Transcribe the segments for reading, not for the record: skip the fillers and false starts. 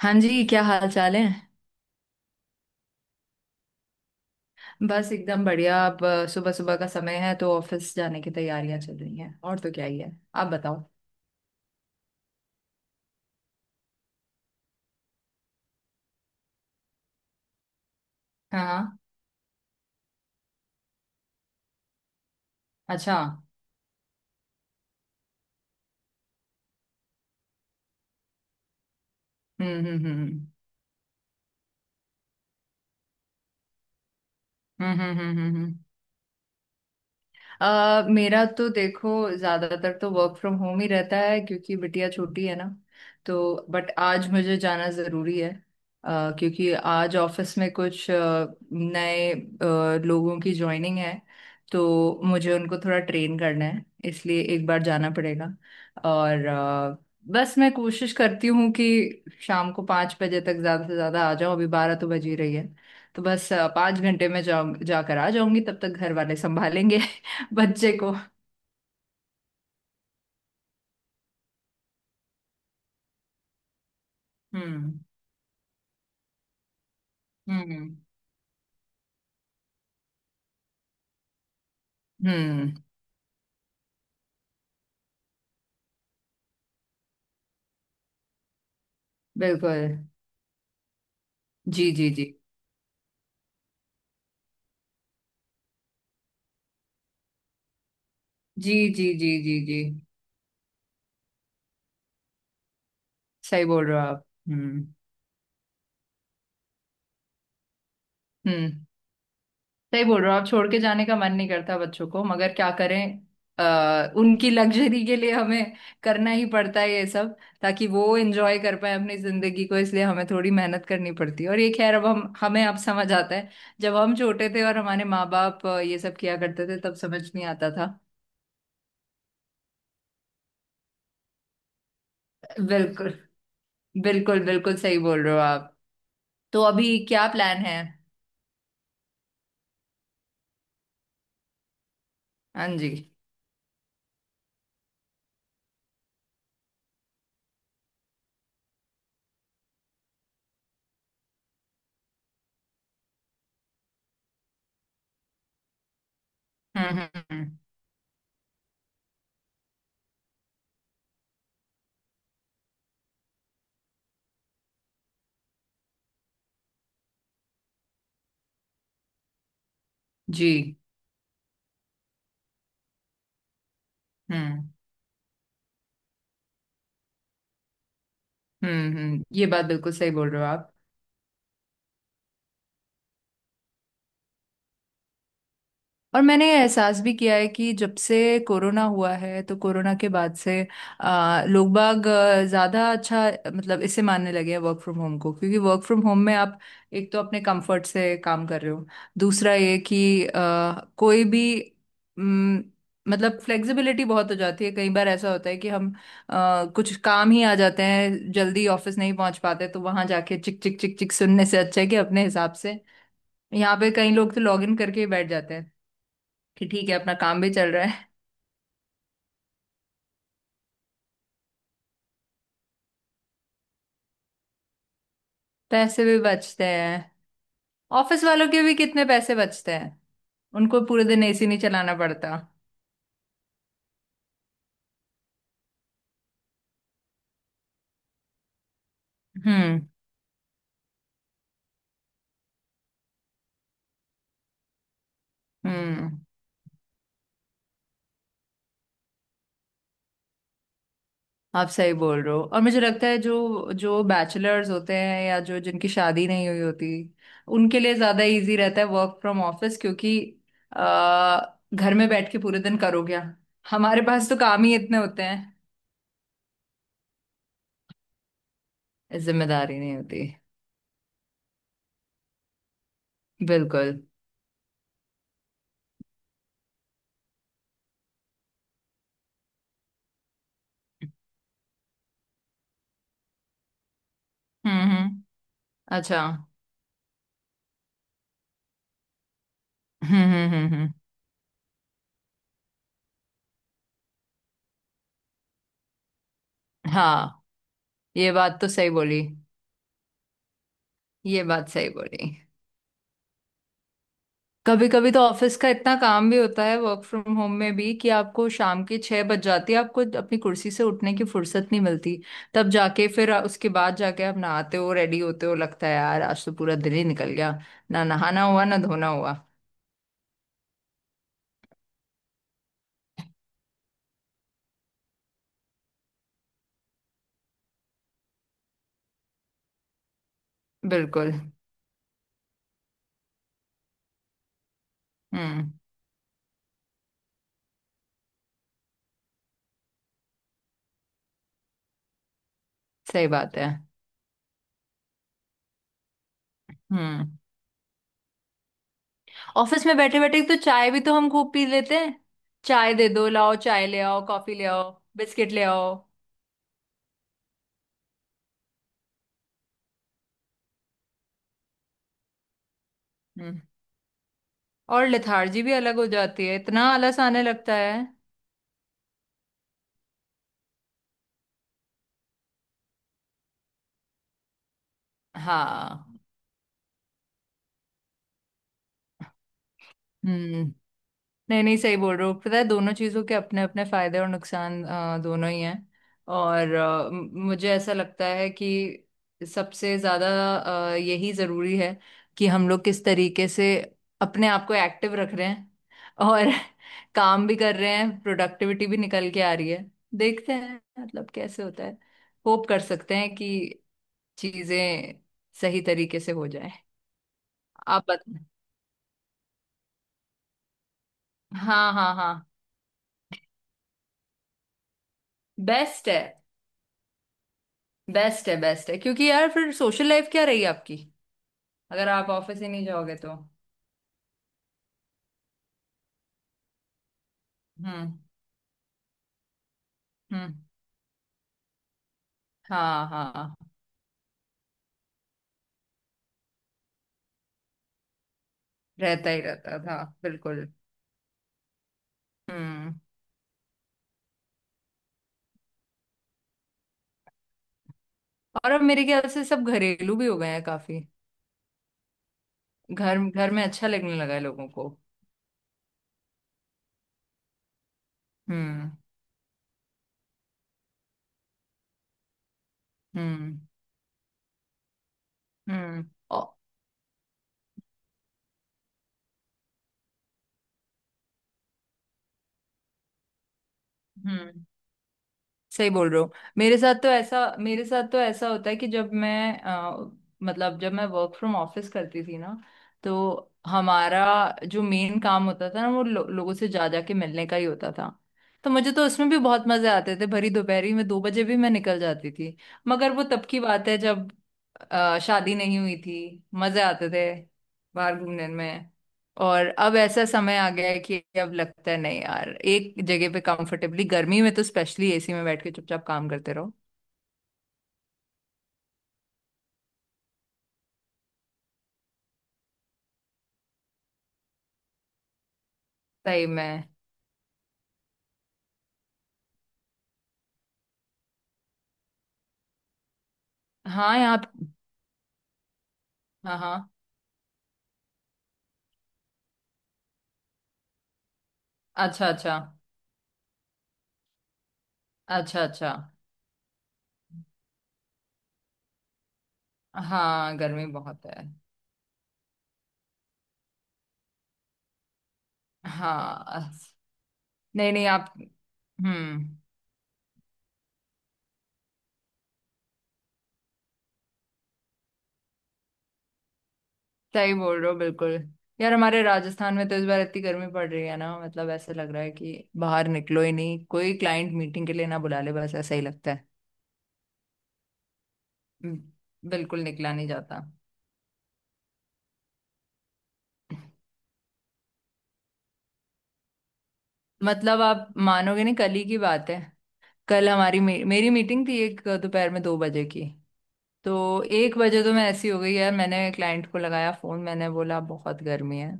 हाँ जी, क्या हाल चाल है? बस एकदम बढ़िया। अब सुबह सुबह का समय है तो ऑफिस जाने की तैयारियां चल रही हैं, और तो क्या ही है, आप बताओ। हाँ हाँ। अच्छा। हम्म हम्म हम्म हम्म। मेरा तो देखो, ज्यादातर तो वर्क फ्रॉम होम ही रहता है क्योंकि बिटिया छोटी है ना। तो बट आज मुझे जाना जरूरी है, क्योंकि आज ऑफिस में कुछ नए लोगों की ज्वाइनिंग है। तो मुझे उनको थोड़ा ट्रेन करना है, इसलिए एक बार जाना पड़ेगा। और बस मैं कोशिश करती हूँ कि शाम को 5 बजे तक ज्यादा से ज्यादा आ जाऊँ, अभी 12 तो बज ही रही है। तो बस 5 घंटे में जाऊं, जाकर आ जाऊंगी, तब तक घर वाले संभालेंगे बच्चे को। हम्म हम्म हम्म। बिल्कुल। जी जी जी जी जी जी जी जी। सही बोल रहे हो आप। हम्म। सही बोल रहे हो आप, छोड़ के जाने का मन नहीं करता बच्चों को, मगर क्या करें। उनकी लग्जरी के लिए हमें करना ही पड़ता है ये सब, ताकि वो एंजॉय कर पाए अपनी जिंदगी को, इसलिए हमें थोड़ी मेहनत करनी पड़ती है। और ये खैर अब हम हमें अब समझ आता है। जब हम छोटे थे और हमारे माँ बाप ये सब किया करते थे, तब समझ नहीं आता था। बिल्कुल बिल्कुल बिल्कुल, सही बोल रहे हो आप। तो अभी क्या प्लान है? हाँ जी। हम्म। जी। हम्म हम्म। ये बात बिल्कुल सही बोल रहे हो आप। और मैंने ये एहसास भी किया है कि जब से कोरोना हुआ है तो कोरोना के बाद से लोग बाग ज़्यादा अच्छा, मतलब इसे मानने लगे हैं वर्क फ्रॉम होम को, क्योंकि वर्क फ्रॉम होम में आप एक तो अपने कंफर्ट से काम कर रहे हो, दूसरा ये कि कोई भी अम, मतलब फ्लेक्सिबिलिटी बहुत हो जाती है। कई बार ऐसा होता है कि हम कुछ काम ही आ जाते हैं, जल्दी ऑफिस नहीं पहुंच पाते, तो वहां जाके चिक चिक चिक चिक सुनने से अच्छा है कि अपने हिसाब से यहाँ पे कई लोग तो लॉग इन करके ही बैठ जाते हैं कि ठीक है, अपना काम भी चल रहा है। पैसे भी बचते हैं, ऑफिस वालों के भी कितने पैसे बचते हैं, उनको पूरे दिन एसी नहीं चलाना पड़ता। हम्म हम्म। आप सही बोल रहे हो। और मुझे लगता है जो जो बैचलर्स होते हैं या जो जिनकी शादी नहीं हुई होती, उनके लिए ज्यादा इजी रहता है वर्क फ्रॉम ऑफिस, क्योंकि घर में बैठ के पूरे दिन करो क्या, हमारे पास तो काम ही इतने होते हैं। जिम्मेदारी नहीं होती। बिल्कुल। हम्म। अच्छा। हम्म। हाँ। ये बात तो सही बोली, ये बात सही बोली। कभी कभी तो ऑफिस का इतना काम भी होता है वर्क फ्रॉम होम में भी, कि आपको शाम के 6 बज जाती है, आपको अपनी कुर्सी से उठने की फुर्सत नहीं मिलती। तब जाके फिर उसके बाद जाके आप नहाते हो, रेडी होते हो, लगता है यार आज तो पूरा दिन ही निकल गया, ना नहाना हुआ, ना धोना हुआ। बिल्कुल। हम्म। सही बात है। हम्म। ऑफिस में बैठे बैठे तो चाय भी तो हम खूब पी लेते हैं। चाय दे दो, लाओ चाय ले आओ, कॉफी ले आओ, बिस्किट ले आओ। हम्म। और लेथार्जी भी अलग हो जाती है, इतना आलस आने लगता है। हाँ। हम्म। नहीं नहीं, सही बोल रहे हो, पता है दोनों चीजों के अपने अपने फायदे और नुकसान दोनों ही हैं। और मुझे ऐसा लगता है कि सबसे ज्यादा यही जरूरी है, कि हम लोग किस तरीके से अपने आप को एक्टिव रख रहे हैं और काम भी कर रहे हैं, प्रोडक्टिविटी भी निकल के आ रही है। देखते हैं मतलब कैसे होता है, होप कर सकते हैं कि चीजें सही तरीके से हो जाए। आप बता। हाँ हाँ हाँ। बेस्ट है, बेस्ट है बेस्ट है, क्योंकि यार फिर सोशल लाइफ क्या रही आपकी, अगर आप ऑफिस ही नहीं जाओगे तो। हम्म हम्म। हाँ हाँ, रहता ही रहता था, बिल्कुल। हम्म। और अब मेरे ख्याल से सब घरेलू भी हो गए हैं काफी। घर घर में अच्छा लगने लगा है लोगों को। हम्म हम्म हम्म। हम्म। सही बोल रहे हो। मेरे साथ तो ऐसा, मेरे साथ तो ऐसा होता है कि जब मैं मतलब जब मैं वर्क फ्रॉम ऑफिस करती थी ना, तो हमारा जो मेन काम होता था ना, वो लोगों से जा जा के मिलने का ही होता था। तो मुझे तो उसमें भी बहुत मजे आते थे, भरी दोपहरी में 2 बजे भी मैं निकल जाती थी। मगर वो तब की बात है, जब शादी नहीं हुई थी, मजे आते थे बाहर घूमने में। और अब ऐसा समय आ गया है कि अब लगता है नहीं यार, एक जगह पे कंफर्टेबली गर्मी में तो स्पेशली एसी में बैठ के चुपचाप काम करते रहो। सही में। हाँ हाँ हाँ। अच्छा अच्छा। अच्छा अच्छा। हाँ गर्मी बहुत है। हाँ। नहीं नहीं, आप। हम्म। सही बोल रहे हो बिल्कुल। यार हमारे राजस्थान में तो इस बार इतनी गर्मी पड़ रही है ना, मतलब ऐसा लग रहा है कि बाहर निकलो ही नहीं, कोई क्लाइंट मीटिंग के लिए ना बुला ले, बस ऐसा ही लगता है। हम्म। बिल्कुल निकला नहीं जाता। मतलब आप मानोगे नहीं, कल ही की बात है, कल हमारी मेरी मीटिंग थी एक दोपहर में 2 बजे की। तो 1 बजे तो मैं ऐसी हो गई यार, मैंने क्लाइंट को लगाया फोन, मैंने बोला बहुत गर्मी है,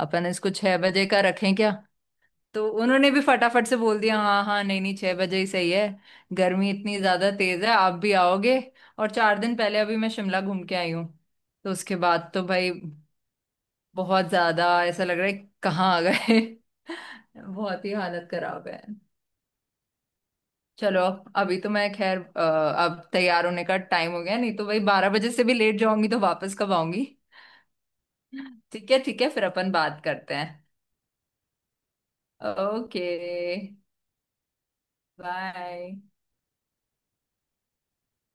अपन इसको 6 बजे का रखें क्या। तो उन्होंने भी फटाफट से बोल दिया हाँ हाँ नहीं नहीं, 6 बजे ही सही है, गर्मी इतनी ज्यादा तेज है, आप भी आओगे। और 4 दिन पहले अभी मैं शिमला घूम के आई हूँ, तो उसके बाद तो भाई बहुत ज्यादा ऐसा लग रहा है, कहाँ आ गए। बहुत ही हालत खराब है। चलो, अभी तो मैं खैर अब तैयार होने का टाइम हो गया, नहीं तो भाई 12 बजे से भी लेट जाऊंगी, तो वापस कब आऊंगी। ठीक है ठीक है, फिर अपन बात करते हैं। ओके। बाय।